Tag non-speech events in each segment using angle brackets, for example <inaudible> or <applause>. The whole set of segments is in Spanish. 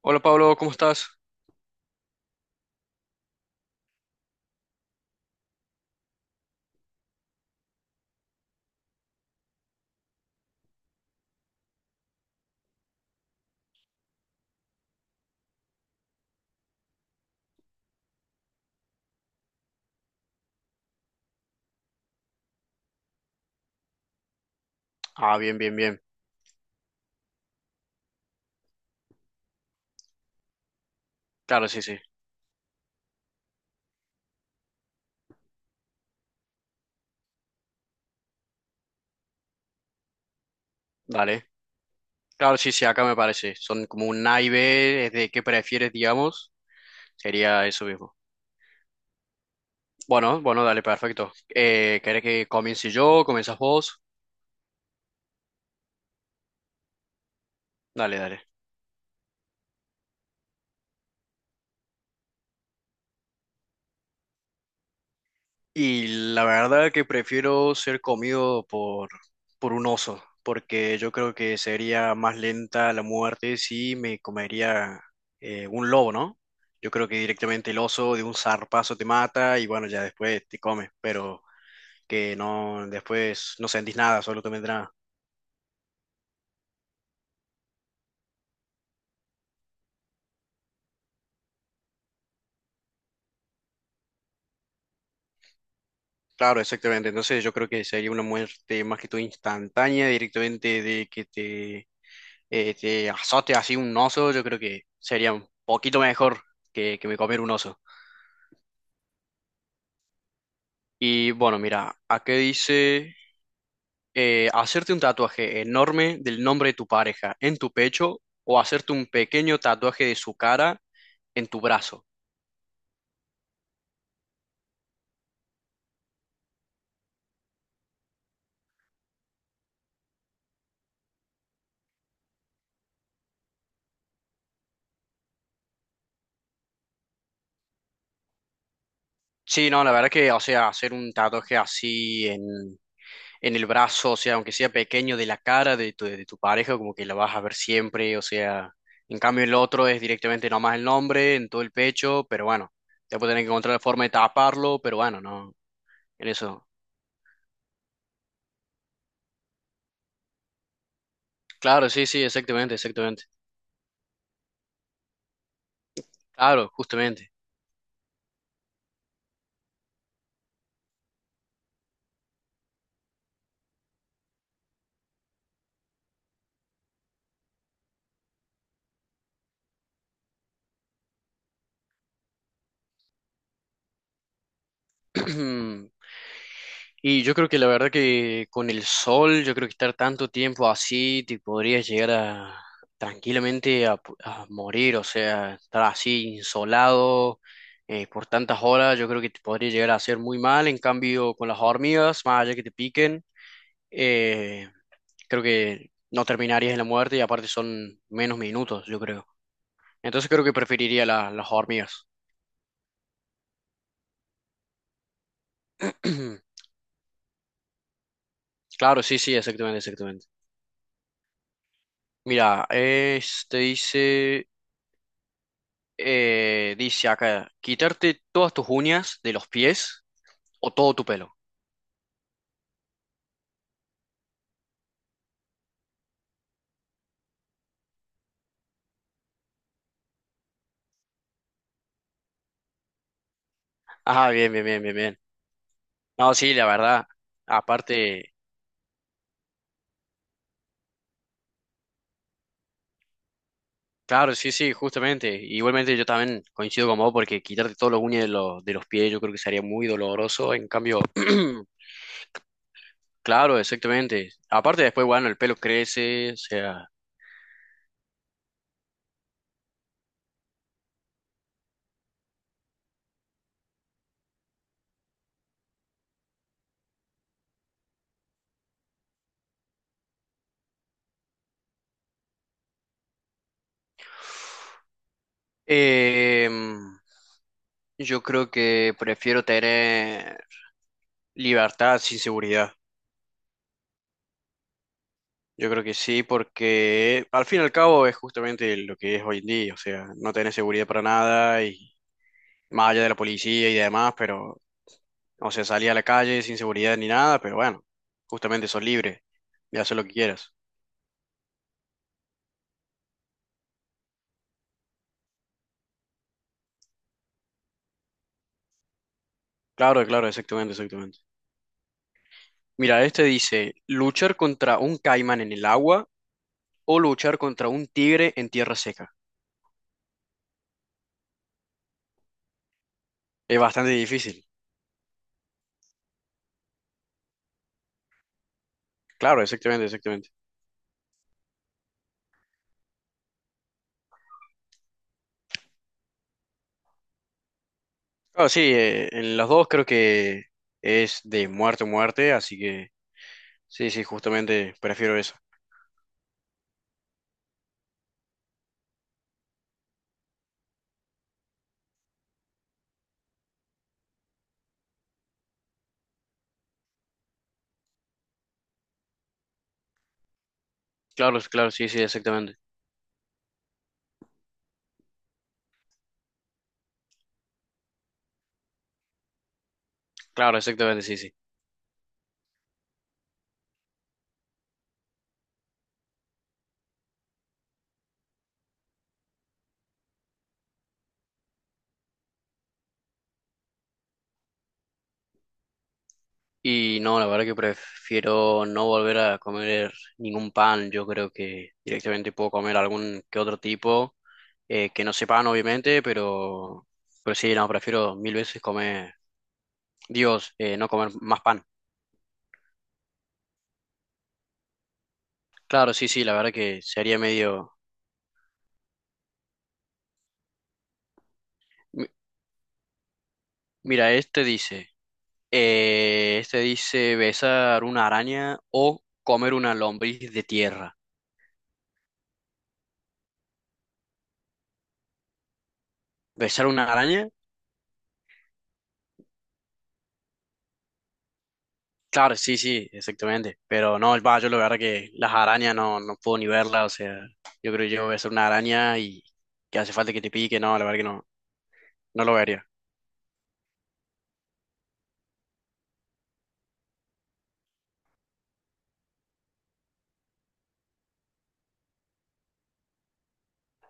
Hola Pablo, ¿cómo estás? Ah, bien, bien, bien. Claro, sí, sí. Dale. Claro, sí, sí, acá me parece. Son como un A y B, es de qué prefieres, digamos. Sería eso mismo. Bueno, bueno, dale, perfecto. ¿Querés que comience yo? ¿Comienzas vos? Dale, dale. Y la verdad que prefiero ser comido por un oso, porque yo creo que sería más lenta la muerte si me comería un lobo, ¿no? Yo creo que directamente el oso de un zarpazo te mata y bueno, ya después te come, pero que no, después no sentís nada, solo te vendrá. Claro, exactamente. Entonces yo creo que sería una muerte más que todo instantánea, directamente de que te azote así un oso, yo creo que sería un poquito mejor que me comer un oso. Y bueno, mira, aquí dice hacerte un tatuaje enorme del nombre de tu pareja en tu pecho o hacerte un pequeño tatuaje de su cara en tu brazo. Sí, no, la verdad que, o sea, hacer un tatuaje así en el brazo, o sea, aunque sea pequeño, de la cara de de tu pareja, como que la vas a ver siempre, o sea, en cambio el otro es directamente nomás el nombre, en todo el pecho, pero bueno, después tenés que encontrar la forma de taparlo, pero bueno, no, en eso. Claro, sí, sí, exactamente, exactamente. Claro, justamente. <clears throat> Y yo creo que la verdad que con el sol, yo creo que estar tanto tiempo así, te podrías llegar a tranquilamente a morir, o sea, estar así insolado por tantas horas, yo creo que te podría llegar a hacer muy mal. En cambio, con las hormigas, más allá que te piquen, eh, creo que no terminarías en la muerte y aparte son menos minutos, yo creo. Entonces creo que preferiría las hormigas. <clears throat> Claro, sí, sí, exactamente, exactamente. Mira, este dice, dice acá, quitarte todas tus uñas de los pies o todo tu pelo. Ah, bien, bien, bien, bien, bien. No, sí, la verdad. Aparte, claro, sí, sí, justamente. Igualmente yo también coincido con vos porque quitarte todas las uñas de de los pies yo creo que sería muy doloroso. En cambio, <clears throat> claro, exactamente. Aparte después, bueno, el pelo crece, o sea... Em, yo creo que prefiero tener libertad sin seguridad. Yo creo que sí, porque al fin y al cabo es justamente lo que es hoy en día. O sea, no tenés seguridad para nada y más allá de la policía y demás, pero, o sea, salí a la calle sin seguridad ni nada, pero bueno, justamente sos libre de hacer lo que quieras. Claro, claro, exactamente, exactamente. Mira, este dice, luchar contra un caimán en el agua o luchar contra un tigre en tierra seca. Es bastante difícil. Claro, exactamente, exactamente. Claro, sí, en los dos creo que es de muerte a muerte, así que sí, sí, justamente prefiero eso. Claro, claro, sí, sí, exactamente. Claro, exactamente, sí, sí. Y no, la verdad que prefiero no volver a comer ningún pan. Yo creo que directamente puedo comer algún que otro tipo, que no sea pan, obviamente, pero sí, no, prefiero mil veces comer, Dios, no comer más pan. Claro, sí, sí, la verdad que sería medio... Mira, este dice, este dice besar una araña o comer una lombriz de tierra. ¿Besar una araña? Claro, sí, sí, exactamente. Pero no, va, yo la verdad que las arañas no, no puedo ni verlas, o sea, yo creo que yo besar una araña y que hace falta que te pique, no, la verdad que no, no lo vería.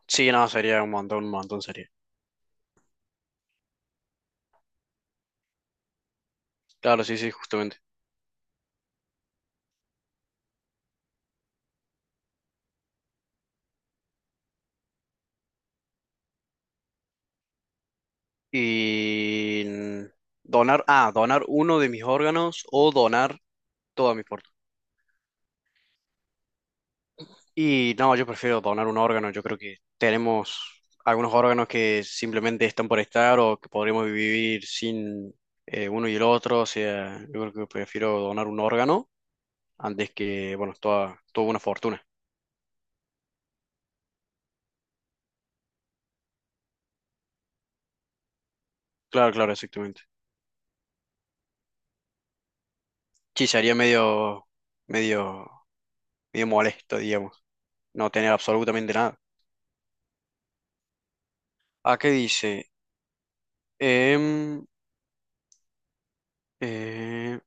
Sí, no, sería un montón sería. Claro, sí, sí, justamente. Y donar, ah, donar uno de mis órganos o donar toda mi mis... Y no, yo prefiero donar un órgano. Yo creo que tenemos algunos órganos que simplemente están por estar o que podríamos vivir sin uno y el otro. O sea, yo creo que prefiero donar un órgano antes que, bueno, toda, toda una fortuna. Claro, claro, exactamente. Sí, sería medio, medio, medio molesto, digamos, no tener absolutamente nada. ¿A qué dice? Em, eh,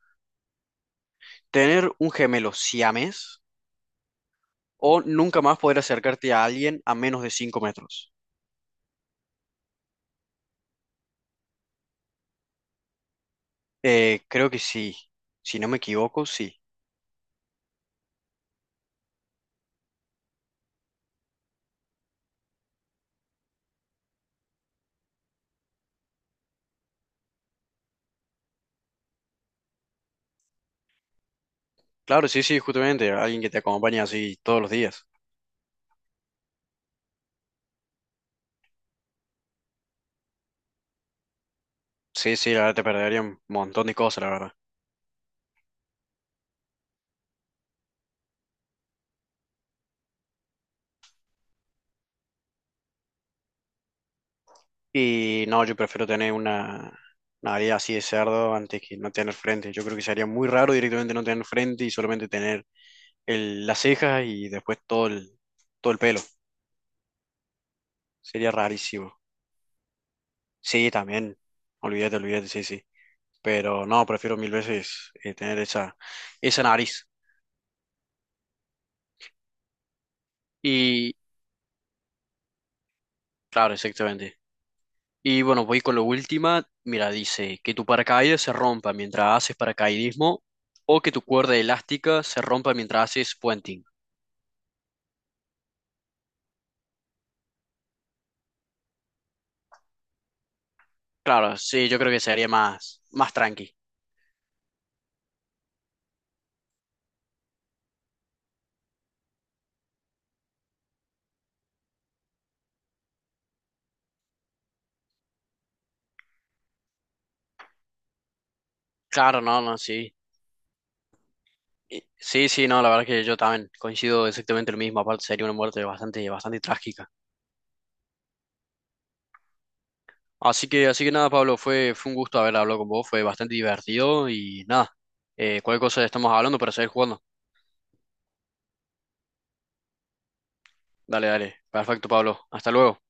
tener un gemelo siames o nunca más poder acercarte a alguien a menos de 5 metros. Creo que sí. Si no me equivoco, sí. Claro, sí, sí, justamente. Alguien que te acompañe así todos los días. Sí, sí, la verdad te perdería un montón de cosas, la verdad. Y no, yo prefiero tener una nariz así de cerdo antes que no tener frente. Yo creo que sería muy raro directamente no tener frente y solamente tener las cejas y después todo todo el pelo. Sería rarísimo. Sí, también. Olvídate, olvídate, sí, sí. Pero no, prefiero mil veces tener esa, esa nariz. Y claro, exactamente. Y bueno, voy con la última. Mira, dice que tu paracaídas se rompa mientras haces paracaidismo o que tu cuerda elástica se rompa mientras haces puenting. Claro, sí, yo creo que sería más, más tranqui. Claro, no, no, sí. Sí, sí, no, la verdad que yo también coincido exactamente lo mismo. Aparte, sería una muerte bastante, bastante trágica. Así que nada, Pablo, fue un gusto haber hablado con vos, fue bastante divertido y nada, cualquier cosa estamos hablando para seguir jugando. Dale, dale. Perfecto, Pablo. Hasta luego.